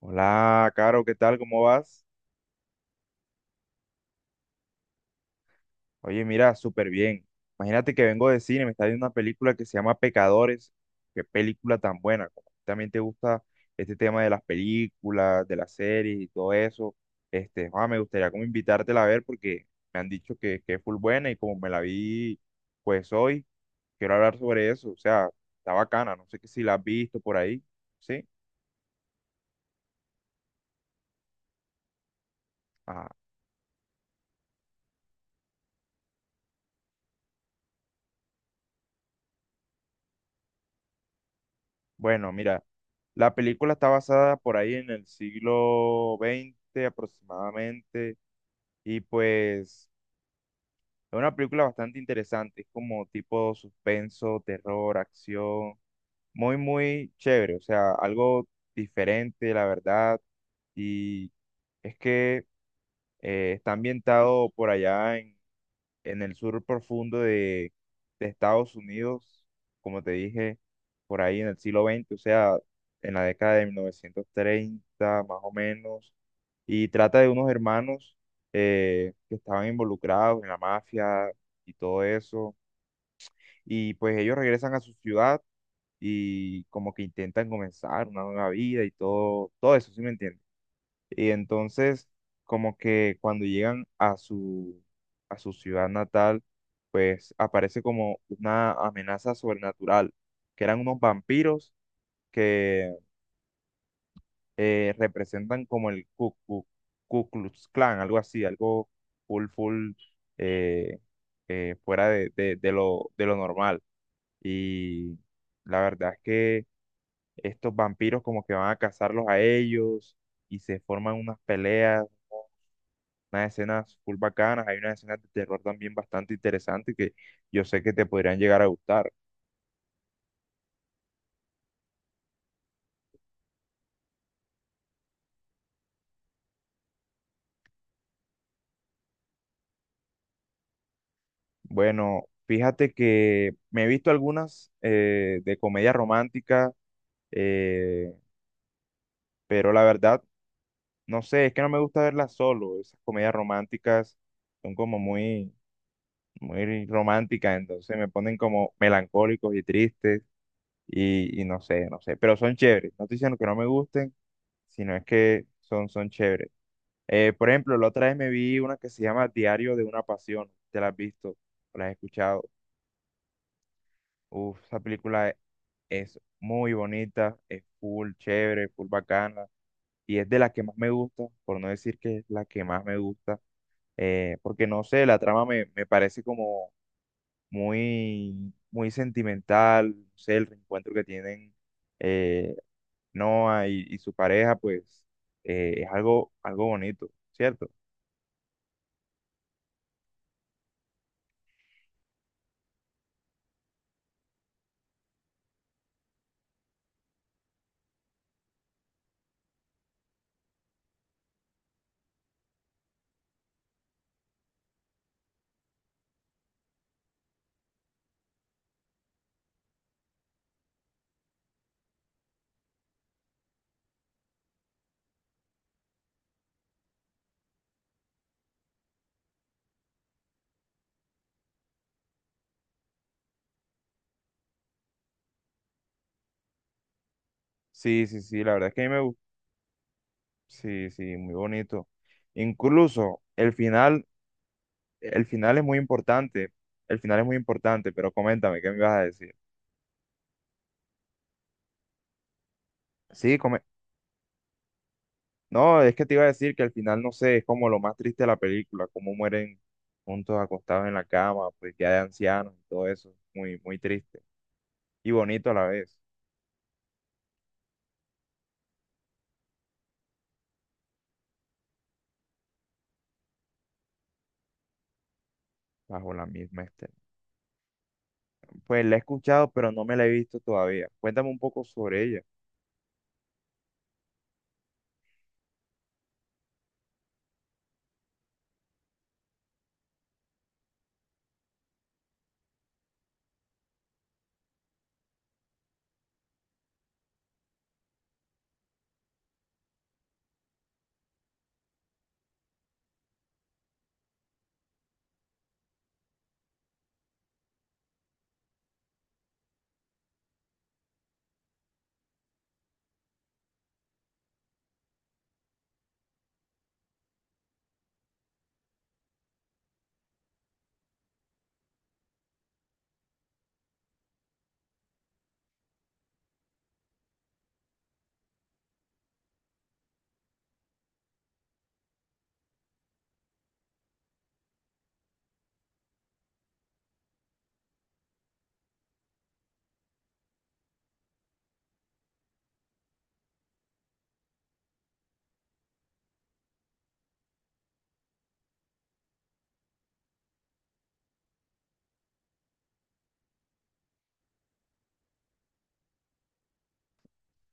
Hola, Caro, ¿qué tal? ¿Cómo vas? Oye, mira, súper bien. Imagínate que vengo de cine, me está viendo una película que se llama Pecadores. Qué película tan buena. Como a ti también te gusta este tema de las películas, de las series y todo eso. Me gustaría como invitártela a ver porque me han dicho que es full buena y como me la vi pues hoy, quiero hablar sobre eso. O sea, está bacana. No sé que si la has visto por ahí. ¿Sí? Ajá. Bueno, mira, la película está basada por ahí en el siglo XX aproximadamente y pues es una película bastante interesante, es como tipo suspenso, terror, acción, muy, muy chévere, o sea, algo diferente, la verdad, y es que está ambientado por allá en el sur profundo de Estados Unidos, como te dije, por ahí en el siglo veinte, o sea, en la década de 1930 más o menos, y trata de unos hermanos que estaban involucrados en la mafia y todo eso, y pues ellos regresan a su ciudad y como que intentan comenzar una nueva vida y todo eso, ¿sí me entiendes? Y entonces, como que cuando llegan a su ciudad natal, pues aparece como una amenaza sobrenatural, que eran unos vampiros que representan como el Ku Klux Klan, algo así, algo full, full, eh, fuera de lo normal. Y la verdad es que estos vampiros como que van a cazarlos a ellos y se forman unas peleas unas escenas full bacanas, hay unas escenas de terror también bastante interesantes que yo sé que te podrían llegar a gustar. Bueno, fíjate que me he visto algunas de comedia romántica, eh, pero la verdad, no sé, es que no me gusta verlas solo. Esas comedias románticas son como muy, muy románticas, entonces me ponen como melancólicos y tristes y no sé, no sé, pero son chéveres. No estoy diciendo que no me gusten, sino es que son chéveres. Por ejemplo, la otra vez me vi una que se llama Diario de una Pasión. ¿Te la has visto? ¿O la has escuchado? Uf, esa película es muy bonita, es full chévere, full bacana. Y es de las que más me gusta, por no decir que es la que más me gusta. Porque no sé, la trama me parece como muy, muy sentimental. No sé, el reencuentro que tienen eh, Noah y su pareja, pues es algo, algo bonito, ¿cierto? Sí, sí, sí, la verdad es que a mí me gustó. Sí, sí, muy bonito. Incluso el final es muy importante. El final es muy importante, pero coméntame, ¿qué me ibas a decir? Sí, no, es que te iba a decir que al final, no sé, es como lo más triste de la película, cómo mueren juntos acostados en la cama, pues ya de ancianos y todo eso. Muy, muy triste. Y bonito a la vez, bajo la misma. Pues la he escuchado, pero no me la he visto todavía. Cuéntame un poco sobre ella.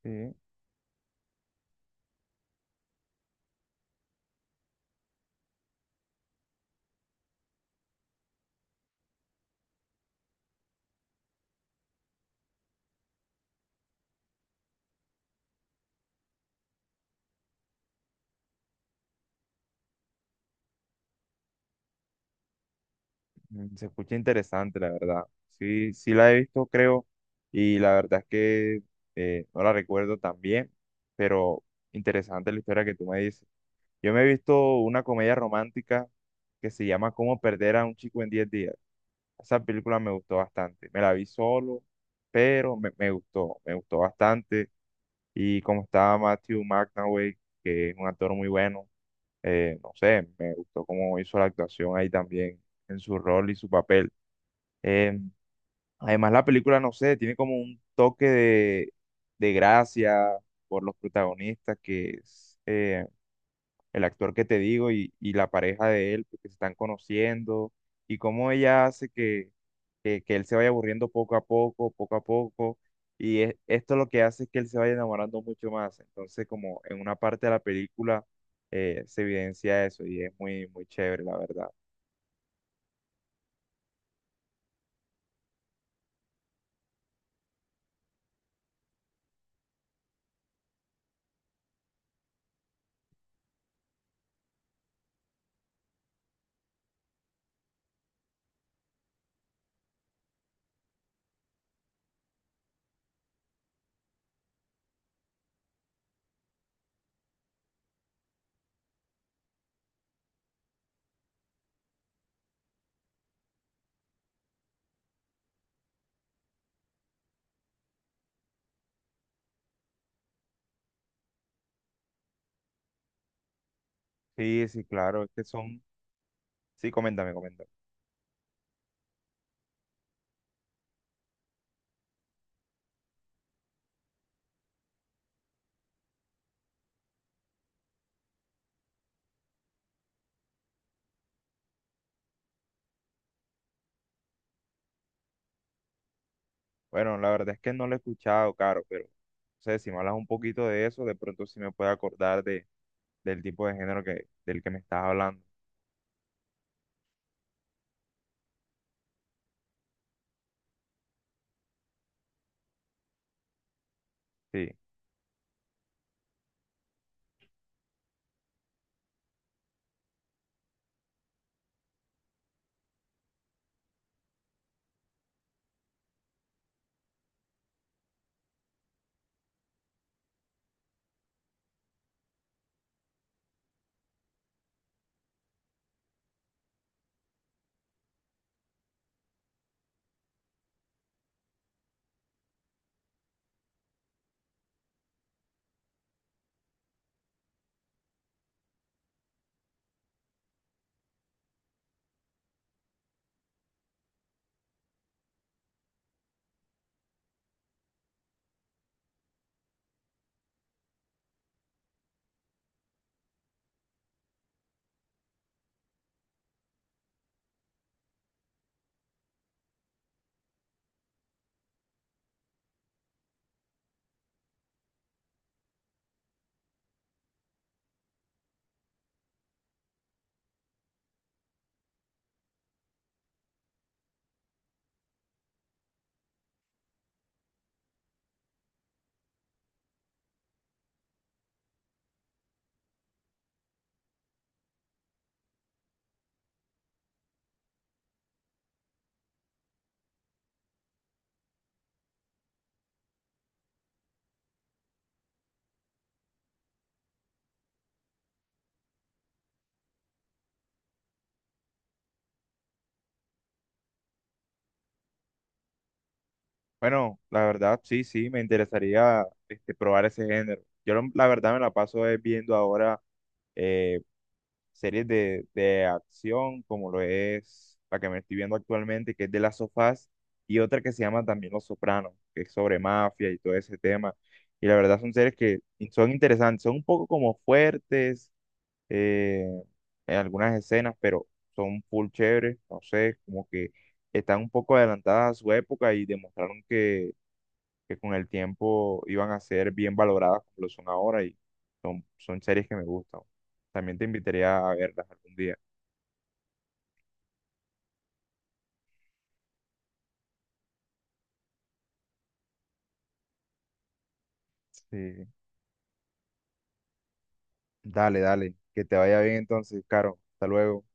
Sí. Mm, se escucha interesante, la verdad. Sí, sí la he visto, creo, y la verdad es que no la recuerdo tan bien, pero interesante la historia que tú me dices. Yo me he visto una comedia romántica que se llama Cómo perder a un chico en 10 días. Esa película me gustó bastante. Me la vi solo, pero me gustó, me gustó bastante. Y como estaba Matthew McConaughey, que es un actor muy bueno, no sé, me gustó cómo hizo la actuación ahí también en su rol y su papel. Eh, Además, la película, no sé, tiene como un toque de, gracia por los protagonistas que es, el actor que te digo y la pareja de él, pues, que se están conociendo, y cómo ella hace que él se vaya aburriendo poco a poco, y esto lo que hace es que él se vaya enamorando mucho más. Entonces, como en una parte de la película se evidencia eso y es muy, muy chévere, la verdad. Sí, sí, claro, es que son... Sí, coméntame, coméntame. Bueno, la verdad es que no lo he escuchado, Caro, pero no sé, si me hablas un poquito de eso, de pronto sí me puedo acordar de, del tipo de género que, del que me estás hablando. Sí. Bueno, la verdad, sí, sí, me interesaría probar ese género. Yo la verdad me la paso es viendo ahora eh, series de acción, como lo es la que me estoy viendo actualmente, que es de las sofás y otra que se llama también Los Sopranos, que es sobre mafia y todo ese tema. Y la verdad son series que son interesantes, son un poco como fuertes eh, en algunas escenas, pero son full chéveres, no sé, como que están un poco adelantadas a su época y demostraron que con el tiempo iban a ser bien valoradas como lo son ahora y son series que me gustan. También te invitaría a verlas algún día. Sí. Dale, dale. Que te vaya bien entonces, Caro. Hasta luego.